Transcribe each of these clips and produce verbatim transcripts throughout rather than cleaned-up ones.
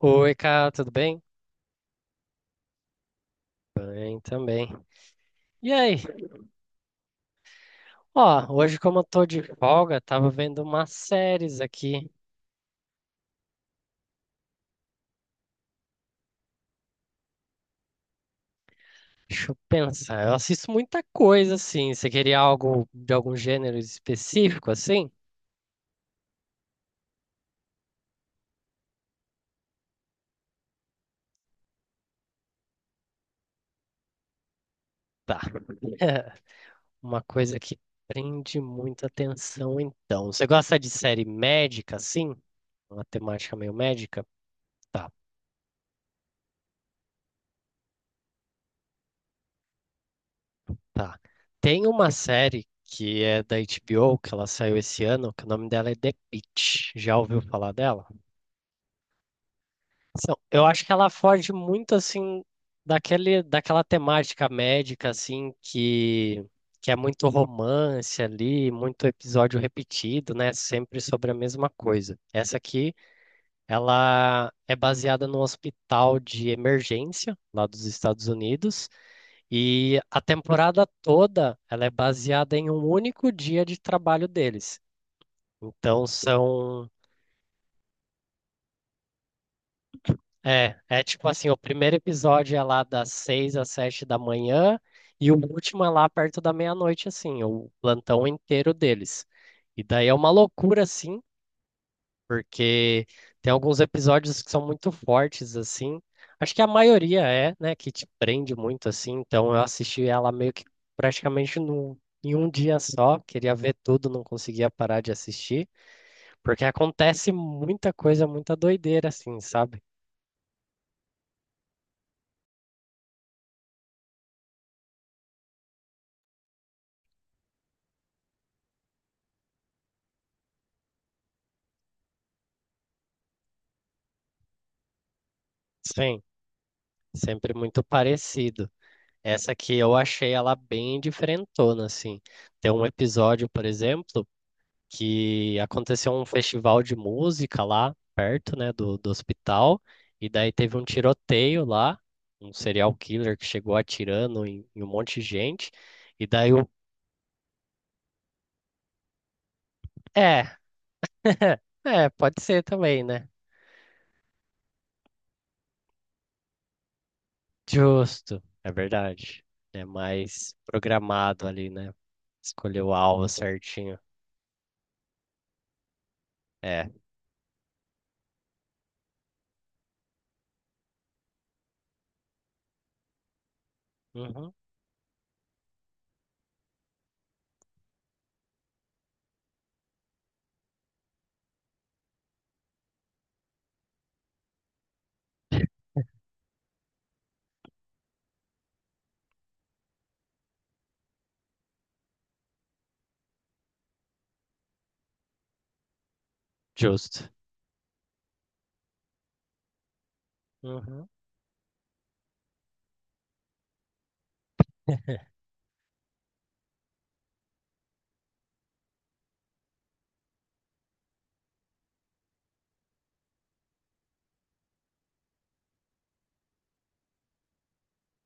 Oi, cara, tudo bem? Bem também. E aí? Ó, hoje como eu tô de folga, tava vendo umas séries aqui. Deixa eu pensar. Eu assisto muita coisa, assim. Você queria algo de algum gênero específico, assim? Tá. Uma coisa que prende muita atenção, então. Você gosta de série médica, assim? Uma temática meio médica? Tá, tá. Tem uma série que é da H B Ó, que ela saiu esse ano, que o nome dela é The Pitt. Já ouviu falar dela? São- Eu acho que ela foge muito assim daquele, daquela temática médica assim que que é muito romance ali, muito episódio repetido, né? Sempre sobre a mesma coisa. Essa aqui, ela é baseada no hospital de emergência lá dos Estados Unidos e a temporada toda ela é baseada em um único dia de trabalho deles. Então são é, é tipo assim, o primeiro episódio é lá das seis às sete da manhã e o último é lá perto da meia-noite, assim, o plantão inteiro deles. E daí é uma loucura, assim, porque tem alguns episódios que são muito fortes, assim. Acho que a maioria é, né, que te prende muito, assim. Então eu assisti ela meio que praticamente no, em um dia só. Queria ver tudo, não conseguia parar de assistir, porque acontece muita coisa, muita doideira, assim, sabe? Sim. Sempre muito parecido. Essa aqui eu achei ela bem diferentona, assim. Tem um episódio, por exemplo, que aconteceu um festival de música lá perto, né, do, do hospital, e daí teve um tiroteio lá, um serial killer que chegou atirando em, em um monte de gente, e daí o... É, é, pode ser também, né? Justo, é verdade. É mais programado ali, né? Escolheu o alvo certinho. É. Uhum. Justo. Uhum.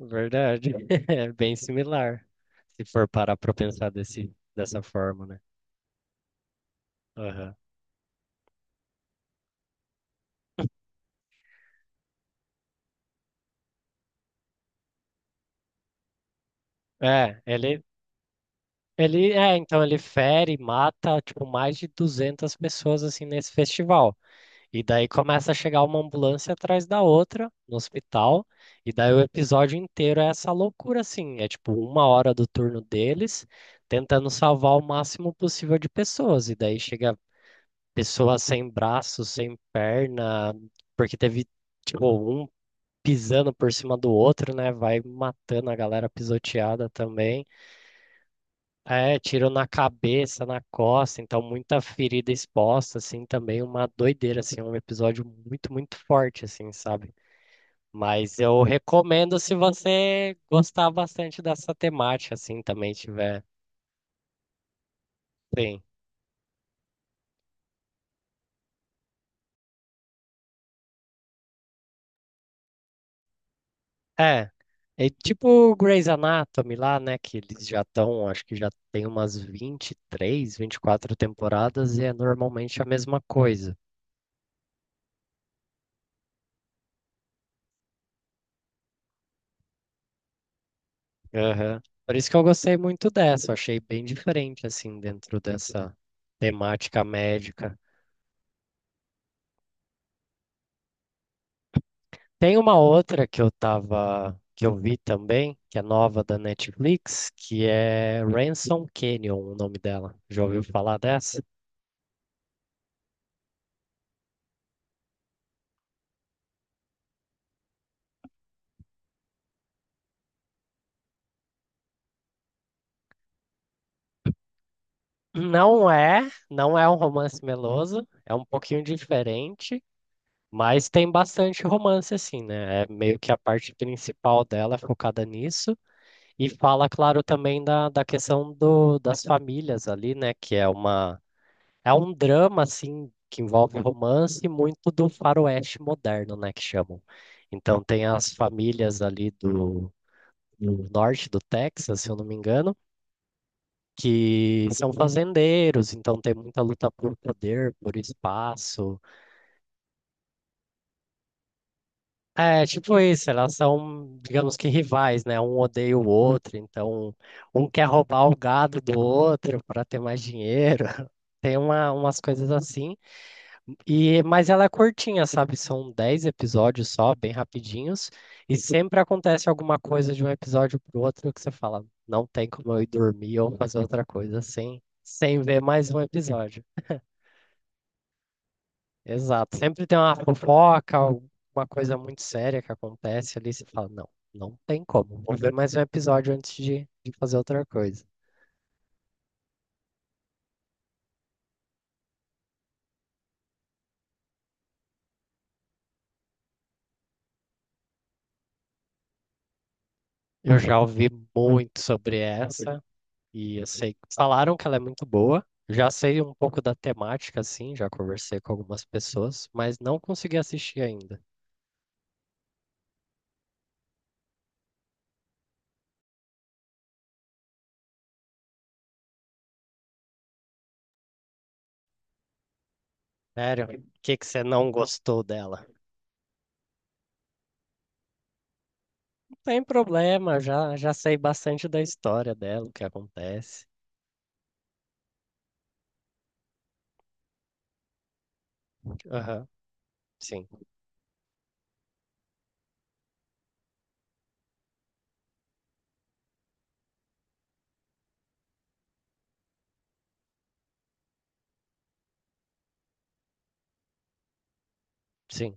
Verdade. É bem similar, se for parar para pensar desse, dessa forma, né? Aham. É, ele, ele, é, então ele fere, mata, tipo, mais de duzentas pessoas, assim, nesse festival. E daí começa a chegar uma ambulância atrás da outra, no hospital, e daí o episódio inteiro é essa loucura, assim, é tipo uma hora do turno deles, tentando salvar o máximo possível de pessoas, e daí chega pessoa sem braço, sem perna, porque teve, tipo, um pisando por cima do outro, né? Vai matando a galera pisoteada também. É, tiro na cabeça, na costa, então muita ferida exposta, assim, também uma doideira, assim, um episódio muito, muito forte, assim, sabe? Mas eu recomendo se você gostar bastante dessa temática, assim, também tiver. Sim. É, é tipo Grey's Anatomy lá, né? Que eles já estão, acho que já tem umas vinte e três, quatro temporadas e é normalmente a mesma coisa. Aham. Por isso que eu gostei muito dessa, eu achei bem diferente, assim, dentro dessa temática médica. Tem uma outra que eu tava, que eu vi também, que é nova da Netflix, que é Ransom Canyon, o nome dela. Já ouviu falar dessa? Não é, não é um romance meloso, é um pouquinho diferente, mas tem bastante romance assim, né? É meio que a parte principal dela é focada nisso e fala, claro, também da, da questão do, das famílias ali, né? Que é uma é um drama assim que envolve romance e muito do faroeste moderno, né? Que chamam. Então tem as famílias ali do, do norte do Texas, se eu não me engano que são fazendeiros, então tem muita luta por poder, por espaço. É, tipo isso, elas são, digamos que rivais, né? Um odeia o outro, então um quer roubar o gado do outro para ter mais dinheiro. Tem uma, umas coisas assim. E, mas ela é curtinha, sabe? São dez episódios só, bem rapidinhos, e sempre acontece alguma coisa de um episódio pro outro que você fala, não tem como eu ir dormir ou fazer outra coisa sem, sem ver mais um episódio. Exato. Sempre tem uma fofoca, alguma coisa muito séria que acontece ali. Você fala, não, não tem como. Vou ver mais um episódio antes de, de fazer outra coisa. Eu já ouvi muito sobre essa e eu sei, falaram que ela é muito boa. Já sei um pouco da temática, assim, já conversei com algumas pessoas, mas não consegui assistir ainda. Sério, o que que você não gostou dela? Não tem problema, já, já sei bastante da história dela, o que acontece. Aham, sim, sim.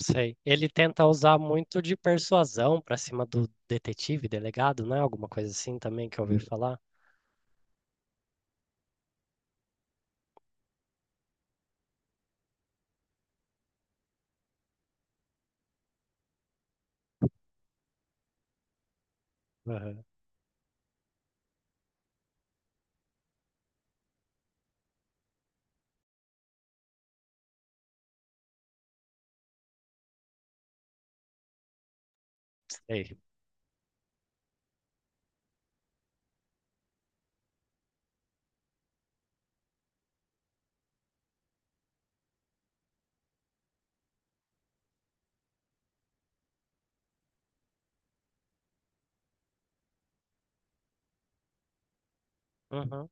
Sei. Ele tenta usar muito de persuasão pra cima do detetive, delegado, né? Alguma coisa assim também que eu ouvi falar. Aham. Sei. Uhum.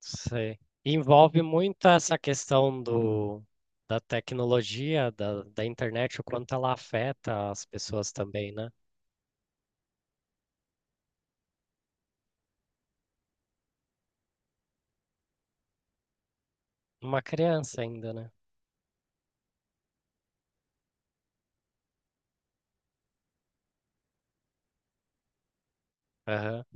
Sei. Envolve muito essa questão do, da tecnologia, da, da internet, o quanto ela afeta as pessoas também, né? Uma criança ainda, né? Aham.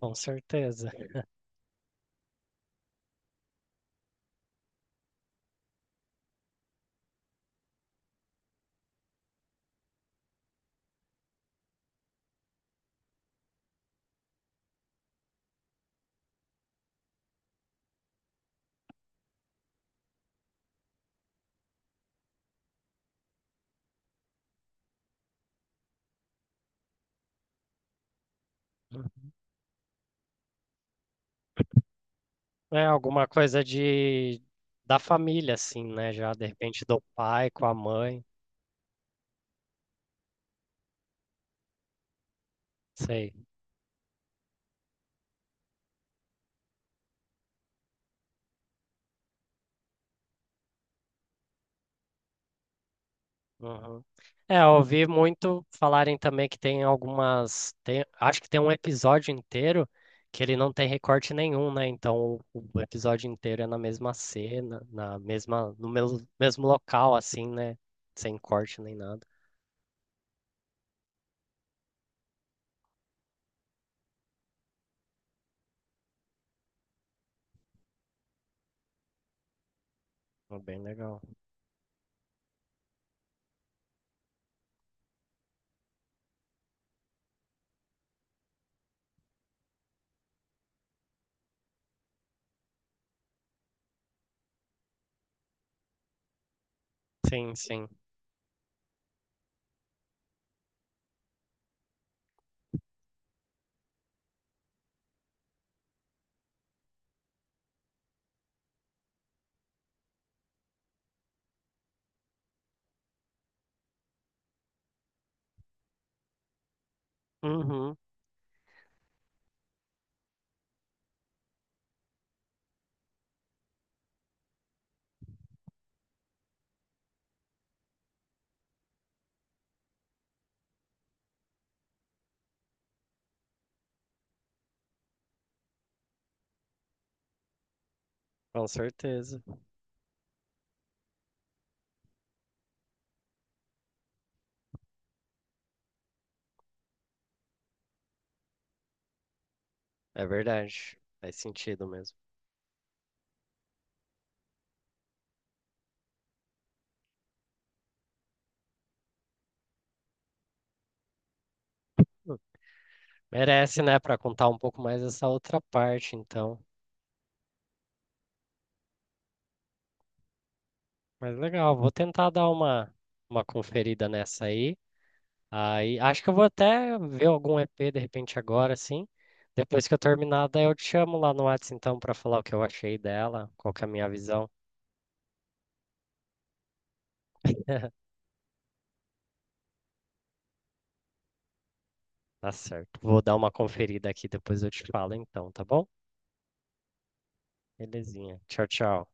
Com certeza. Uhum. É alguma coisa de da família, assim, né? Já de repente do pai com a mãe. Sei. Uhum. É, eu ouvi muito falarem também que tem algumas. Tem- acho que tem um episódio inteiro que ele não tem recorte nenhum, né? Então o o episódio inteiro é na mesma cena, na mesma, no mes- mesmo local, assim, né? Sem corte nem nada. Então, bem legal. Sim, sim. Uhum, com certeza. É verdade. Faz sentido mesmo. Hum. Merece, né, pra contar um pouco mais essa outra parte, então. Mas legal, vou tentar dar uma, uma conferida nessa aí. Aí acho que eu vou até ver algum E P de repente agora, assim. Depois que eu terminar, daí eu te chamo lá no Whats então pra falar o que eu achei dela, qual que é a minha visão. Tá certo. Vou dar uma conferida aqui, depois eu te falo então, tá bom? Belezinha. Tchau, tchau.